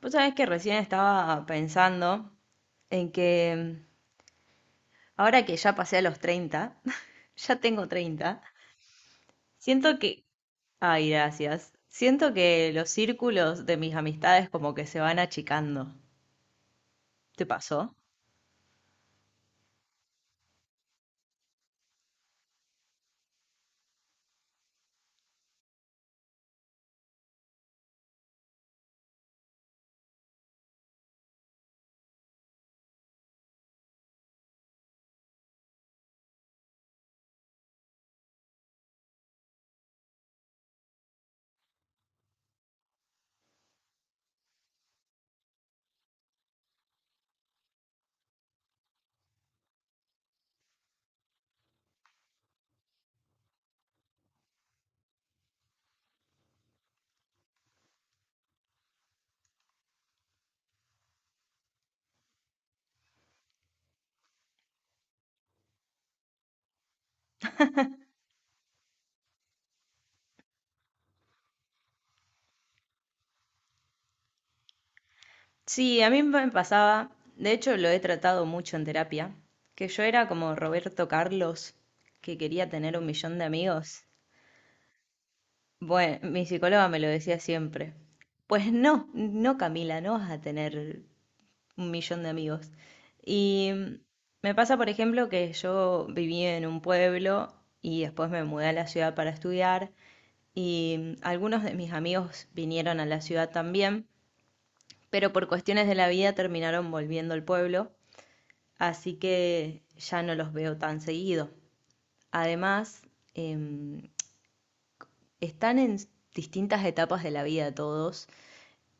Vos sabés que recién estaba pensando en que mm, ahora que ya pasé a los 30 ya tengo 30 siento que... Ay, gracias. Siento que los círculos de mis amistades como que se van achicando. ¿Te pasó? Sí, a mí me pasaba, de hecho lo he tratado mucho en terapia, que yo era como Roberto Carlos, que quería tener un millón de amigos. Bueno, mi psicóloga me lo decía siempre. Pues no, no, Camila, no vas a tener un millón de amigos. Y me pasa, por ejemplo, que yo viví en un pueblo y después me mudé a la ciudad para estudiar y algunos de mis amigos vinieron a la ciudad también, pero por cuestiones de la vida terminaron volviendo al pueblo, así que ya no los veo tan seguido. Además, em, están en distintas etapas de la vida todos.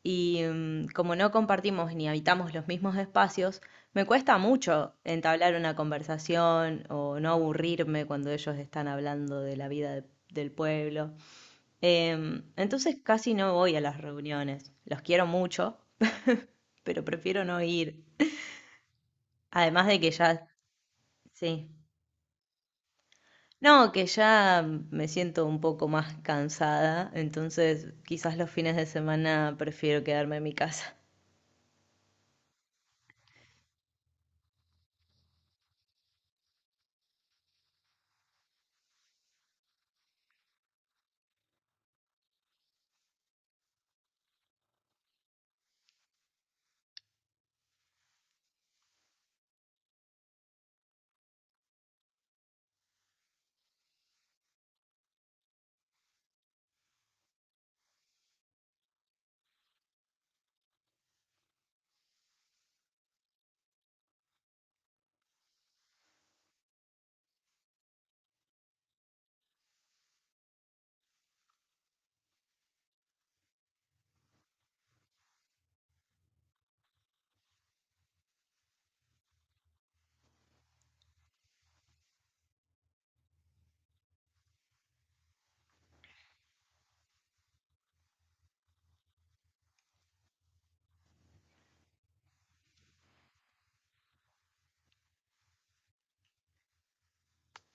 Como no compartimos ni habitamos los mismos espacios, me cuesta mucho entablar una conversación o no aburrirme cuando ellos están hablando de la vida del pueblo. Entonces casi no voy a las reuniones. Los quiero mucho, pero prefiero no ir. Además de que ya, sí. No, que ya me siento un poco más cansada, entonces quizás los fines de semana prefiero quedarme en mi casa.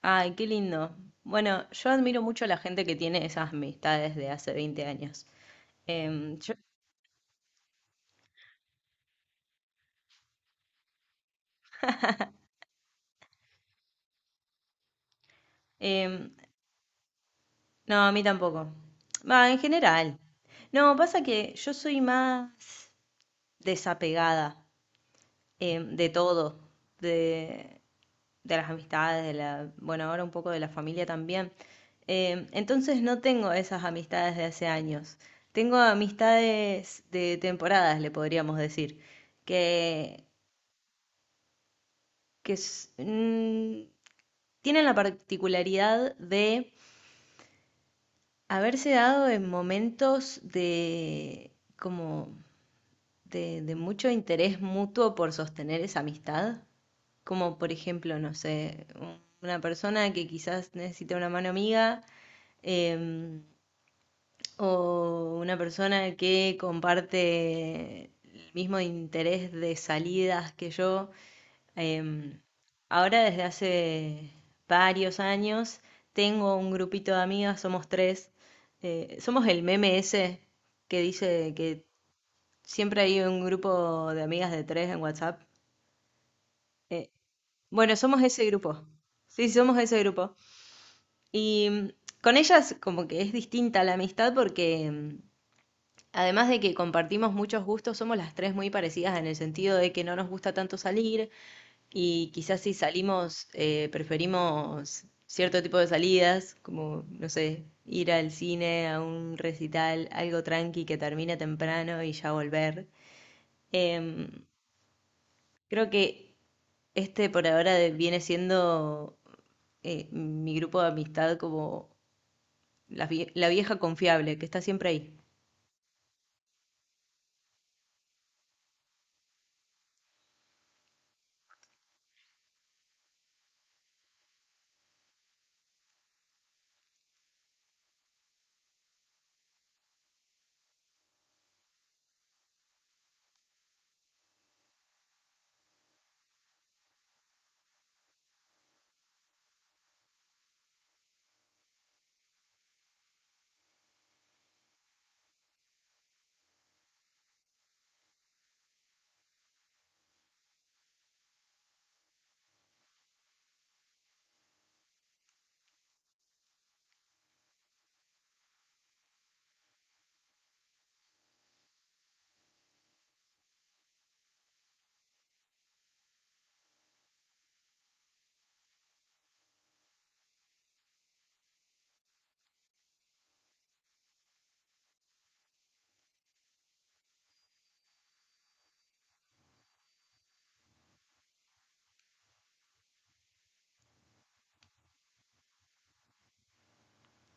Ay, qué lindo. Bueno, yo admiro mucho a la gente que tiene esas amistades de hace veinte años. Em, yo- em, no, a mí tampoco. Va, en general. No, pasa que yo soy más desapegada, de todo, de, de las amistades, de la, bueno, ahora un poco de la familia también. Entonces no tengo esas amistades de hace años. Tengo amistades de temporadas, le podríamos decir, que que tienen la particularidad de haberse dado en momentos de como de mucho interés mutuo por sostener esa amistad, como por ejemplo, no sé, una persona que quizás necesita una mano amiga, em, o una persona que comparte el mismo interés de salidas que yo. Em, Ahora desde hace varios años tengo un grupito de amigas, somos tres. Somos el meme ese que dice que siempre hay un grupo de amigas de tres en WhatsApp. Eh, bueno, somos ese grupo. Sí, somos ese grupo. Y mm, con ellas como que es distinta la amistad porque además de que compartimos muchos gustos, somos las tres muy parecidas en el sentido de que no nos gusta tanto salir y quizás si salimos preferimos cierto tipo de salidas, como, no sé, ir al cine, a un recital, algo tranqui que termine temprano y ya volver. Em, Creo que este por ahora viene siendo mi grupo de amistad como la la vieja confiable, que está siempre ahí.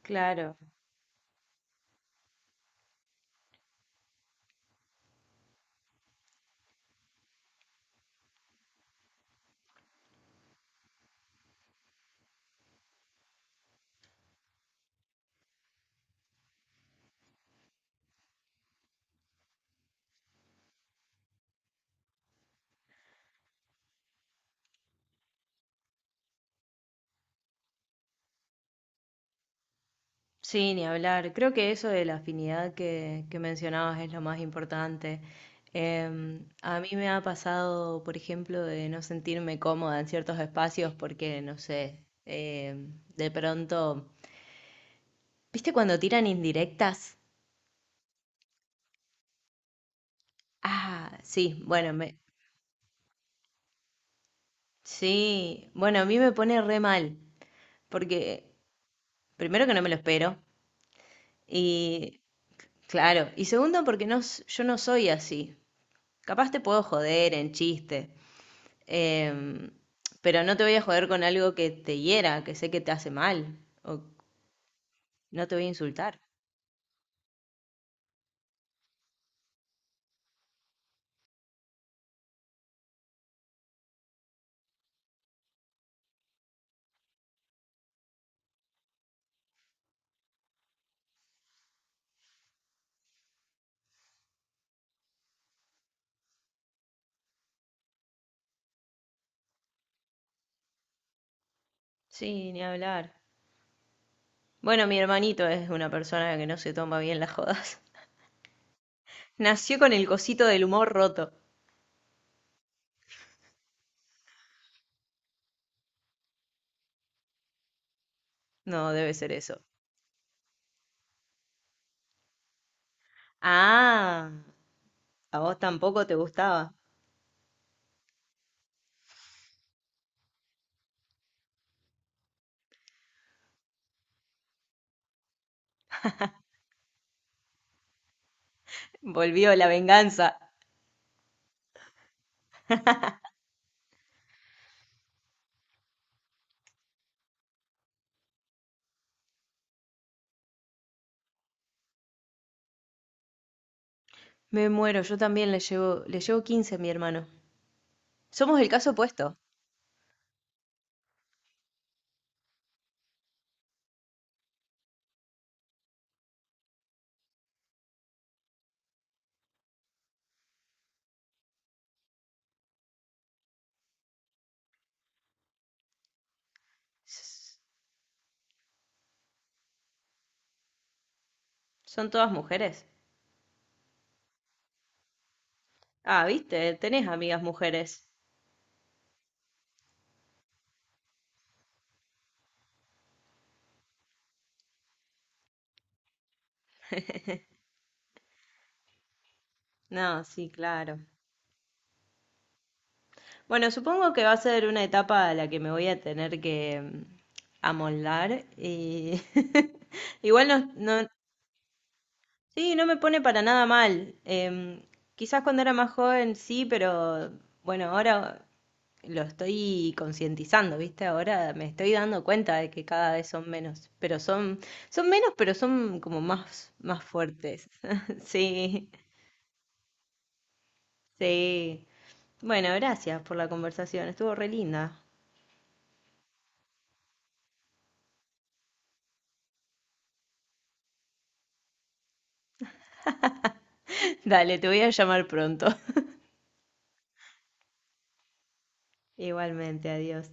Claro. Sí, ni hablar. Creo que eso de la afinidad que mencionabas es lo más importante. A mí me ha pasado, por ejemplo, de no sentirme cómoda en ciertos espacios porque, no sé, de pronto, ¿viste cuando tiran indirectas? Ah, sí, bueno, me, sí, bueno, a mí me pone re mal porque, primero que no me lo espero y, claro, y segundo porque no, yo no soy así. Capaz te puedo joder en chiste. Em, pero no te voy a joder con algo que te hiera, que sé que te hace mal, o no te voy a insultar. Sí, ni hablar. Bueno, mi hermanito es una persona que no se toma bien las jodas. Nació con el cosito del humor roto. No, debe ser eso. Ah, a vos tampoco te gustaba. Volvió la venganza. Me muero, yo también le llevo 15 a mi hermano. Somos el caso opuesto. S- Son todas mujeres. Ah, viste, tenés amigas mujeres. No, sí, claro. Bueno, supongo que va a ser una etapa a la que me voy a tener que amoldar y igual no, sí, no me pone para nada mal. Quizás cuando era más joven sí, pero bueno, ahora lo estoy concientizando, ¿viste? Ahora me estoy dando cuenta de que cada vez son menos, pero son, son menos, pero son como más, más fuertes. Sí, sí. Bueno, gracias por la conversación, estuvo re linda. Dale, te voy a llamar pronto. Igualmente, adiós.